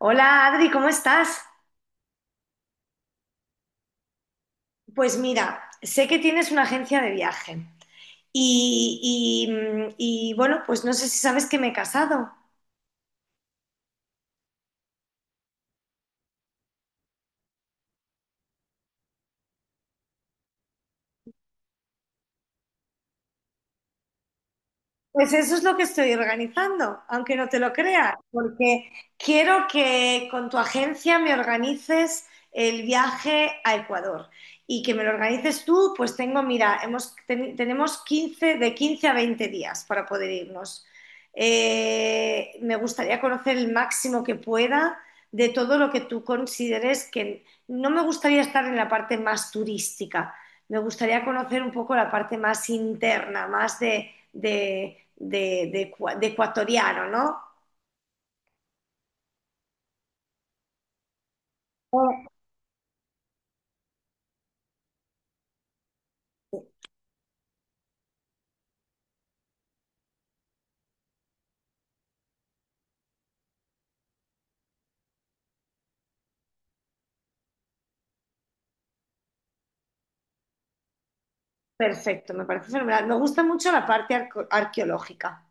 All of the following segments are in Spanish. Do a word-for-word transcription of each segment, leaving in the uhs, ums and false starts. Hola Adri, ¿cómo estás? Pues mira, sé que tienes una agencia de viaje y, y, mm, y, bueno, pues no sé si sabes que me he casado. Pues eso es lo que estoy organizando, aunque no te lo creas, porque quiero que con tu agencia me organices el viaje a Ecuador y que me lo organices tú, pues tengo, mira, hemos, ten- tenemos quince de quince a veinte días para poder irnos. Eh, me gustaría conocer el máximo que pueda de todo lo que tú consideres que no me gustaría estar en la parte más turística, me gustaría conocer un poco la parte más interna, más de de, de, de de ecuatoriano, ¿no? Oh, perfecto, me parece fenomenal. Me gusta mucho la parte arco- arqueológica.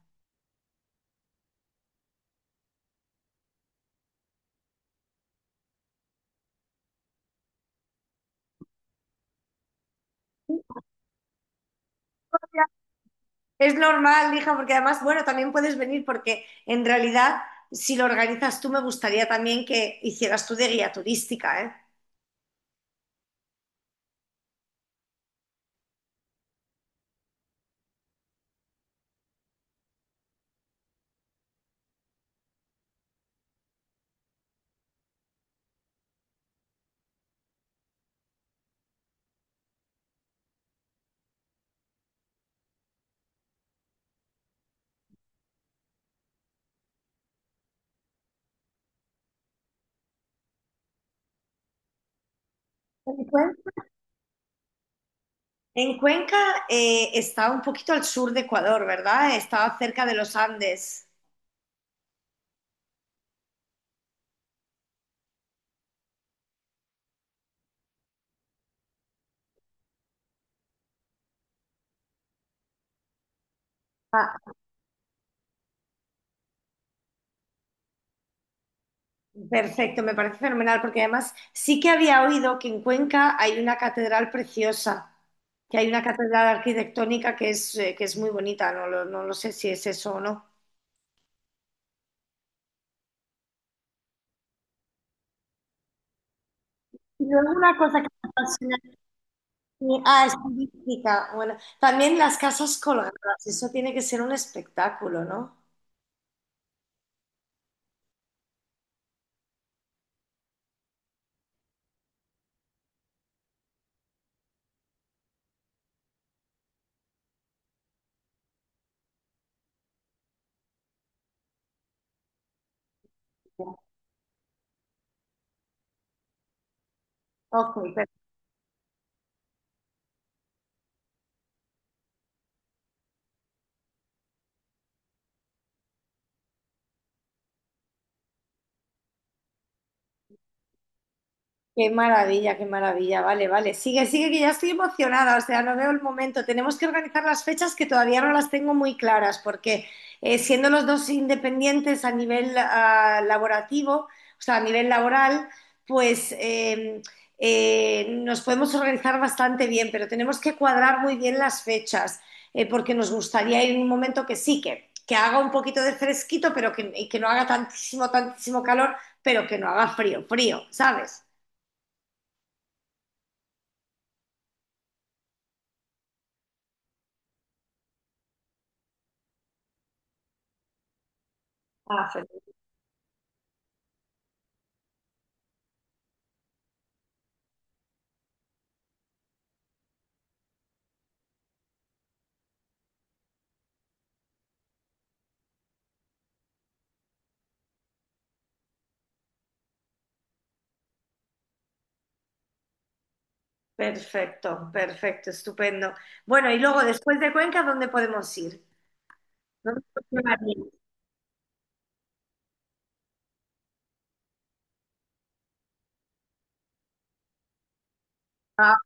Es normal, hija, porque además, bueno, también puedes venir porque en realidad, si lo organizas tú, me gustaría también que hicieras tú de guía turística, ¿eh? ¿En Cuenca? En Cuenca eh, está un poquito al sur de Ecuador, ¿verdad? Está cerca de los Andes. Perfecto, me parece fenomenal, porque además sí que había oído que en Cuenca hay una catedral preciosa, que hay una catedral arquitectónica que es, eh, que es muy bonita, no lo, no lo sé si es eso o no. Y luego una cosa que me apasiona, eh, ah, es turística, bueno, también las casas colgadas, eso tiene que ser un espectáculo, ¿no? Ok. Qué maravilla, qué maravilla. Vale, vale. Sigue, sigue, que ya estoy emocionada. O sea, no veo el momento. Tenemos que organizar las fechas que todavía no las tengo muy claras, porque eh, siendo los dos independientes a nivel ah, laborativo, o sea, a nivel laboral, pues eh, eh, nos podemos organizar bastante bien, pero tenemos que cuadrar muy bien las fechas, eh, porque nos gustaría ir en un momento que sí, que, que haga un poquito de fresquito, pero que, y que no haga tantísimo, tantísimo calor, pero que no haga frío, frío, ¿sabes? Ah, fe- Perfecto, perfecto, estupendo. Bueno, y luego después de Cuenca, ¿dónde podemos ir? ¿Dónde podemos ir? Ah,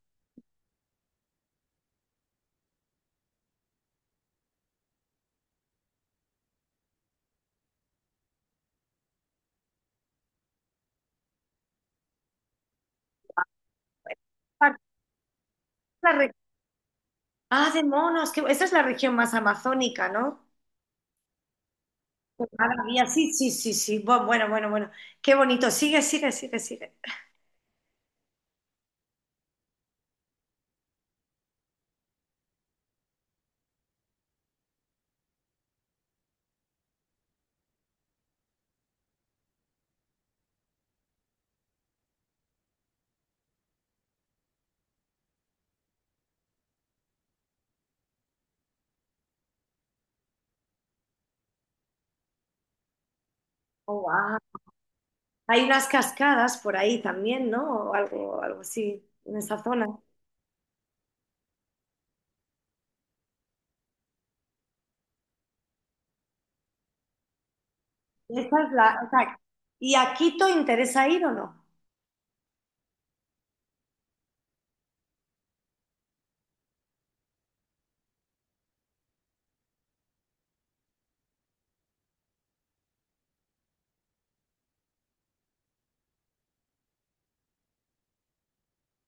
ah, la re- ah, de monos, que esta es la región más amazónica, ¿no? Maravilla, sí, sí, sí, sí. Bu- Bueno, bueno, bueno. Qué bonito. Sigue, sigue, sigue, sigue. Oh, wow. Hay unas cascadas por ahí también, ¿no? O algo, algo así, en esa zona. Esa es la, esa- ¿Y a Quito interesa ir o no?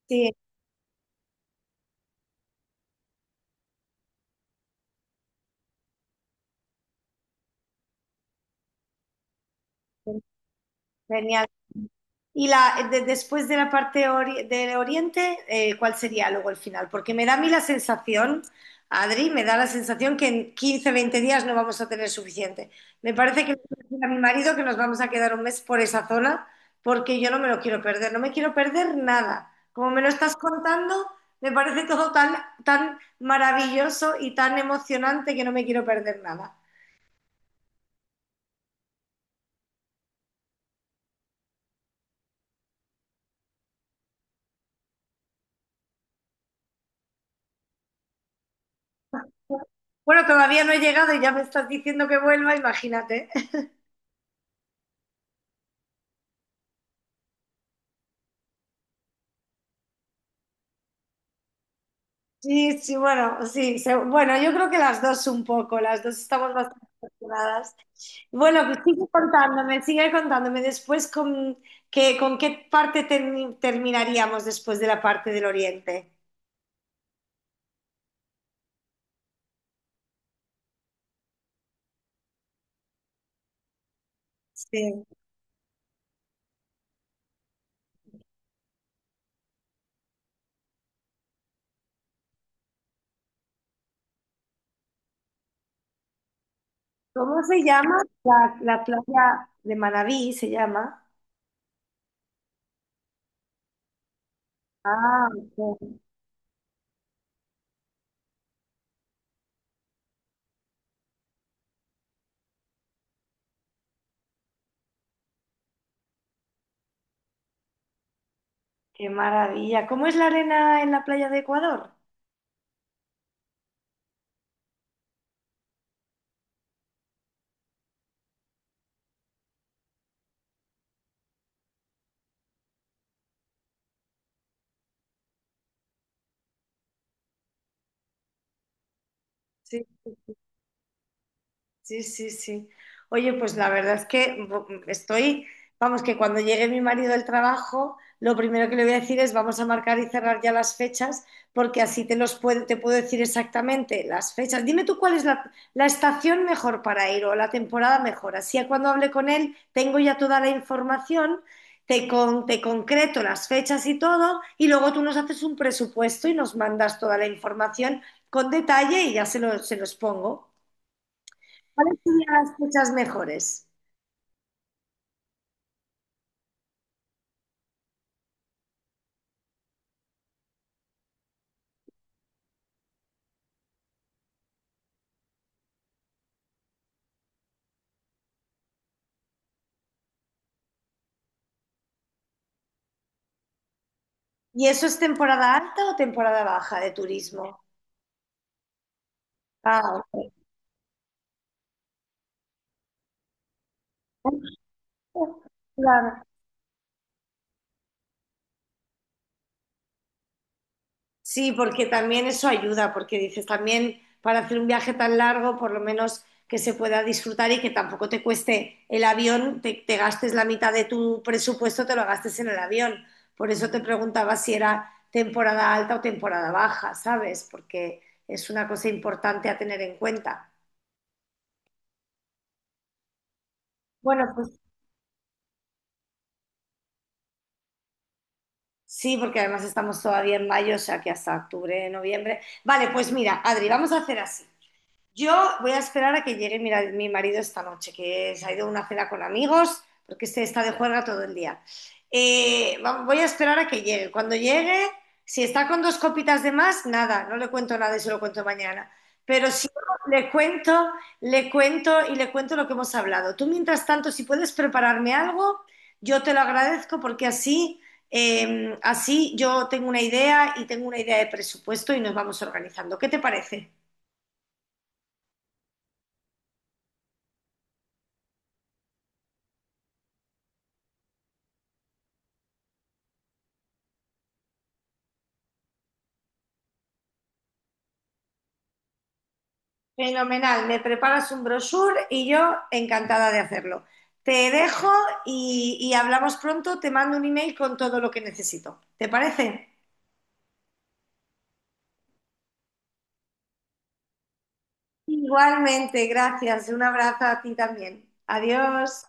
Sí, genial. Y la, de- después de la parte ori- del Oriente, eh, ¿cuál sería luego el final? Porque me da a mí la sensación, Adri, me da la sensación que en quince, veinte días no vamos a tener suficiente. Me parece que le voy a decir a mi marido que nos vamos a quedar un mes por esa zona porque yo no me lo quiero perder, no me quiero perder nada. Como me lo estás contando, me parece todo tan, tan maravilloso y tan emocionante que no me quiero perder nada. Bueno, todavía no he llegado y ya me estás diciendo que vuelva, imagínate. Sí, sí, bueno, sí, se- bueno, yo creo que las dos un poco, las dos estamos bastante afortunadas. Bueno, pues sigue contándome, sigue contándome después con, que, con, qué parte termi- terminaríamos después de la parte del oriente. Sí. ¿Cómo se llama? La, la playa de Manabí se llama. Ah, ok. Qué maravilla. ¿Cómo es la arena en la playa de Ecuador? Sí. Sí, sí, sí. Oye, pues la verdad es que bu- estoy, vamos, que cuando llegue mi marido del trabajo, lo primero que le voy a decir es vamos a marcar y cerrar ya las fechas, porque así te los puedo, te puedo decir exactamente las fechas. Dime tú cuál es la, la estación mejor para ir o la temporada mejor. Así a cuando hable con él tengo ya toda la información, te, con, te concreto las fechas y todo, y luego tú nos haces un presupuesto y nos mandas toda la información con detalle y ya se lo- se los pongo. ¿Cuáles serían las fechas mejores? ¿Y eso es temporada alta o temporada baja de turismo? Ah, claro. Sí, porque también eso ayuda, porque dices también para hacer un viaje tan largo, por lo menos que se pueda disfrutar y que tampoco te cueste el avión, te, te gastes la mitad de tu presupuesto, te lo gastes en el avión. Por eso te preguntaba si era temporada alta o temporada baja, ¿sabes? Porque es una cosa importante a tener en cuenta. Bueno, pues. Sí, porque además estamos todavía en mayo, o sea que hasta octubre, noviembre. Vale, pues mira, Adri, vamos a hacer así. Yo voy a esperar a que llegue mi, mi marido esta noche, que se ha ido a una cena con amigos, porque este está de juerga todo el día. Eh, Voy a esperar a que llegue. Cuando llegue, si está con dos copitas de más, nada, no le cuento nada y se lo cuento mañana. Pero si no, le cuento, le cuento y le cuento lo que hemos hablado. Tú, mientras tanto, si puedes prepararme algo, yo te lo agradezco porque así, eh, así yo tengo una idea y tengo una idea de presupuesto y nos vamos organizando. ¿Qué te parece? Fenomenal, me preparas un brochure y yo encantada de hacerlo. Te dejo y, y hablamos pronto, te mando un email con todo lo que necesito. ¿Te parece? Igualmente, gracias. Un abrazo a ti también. Adiós.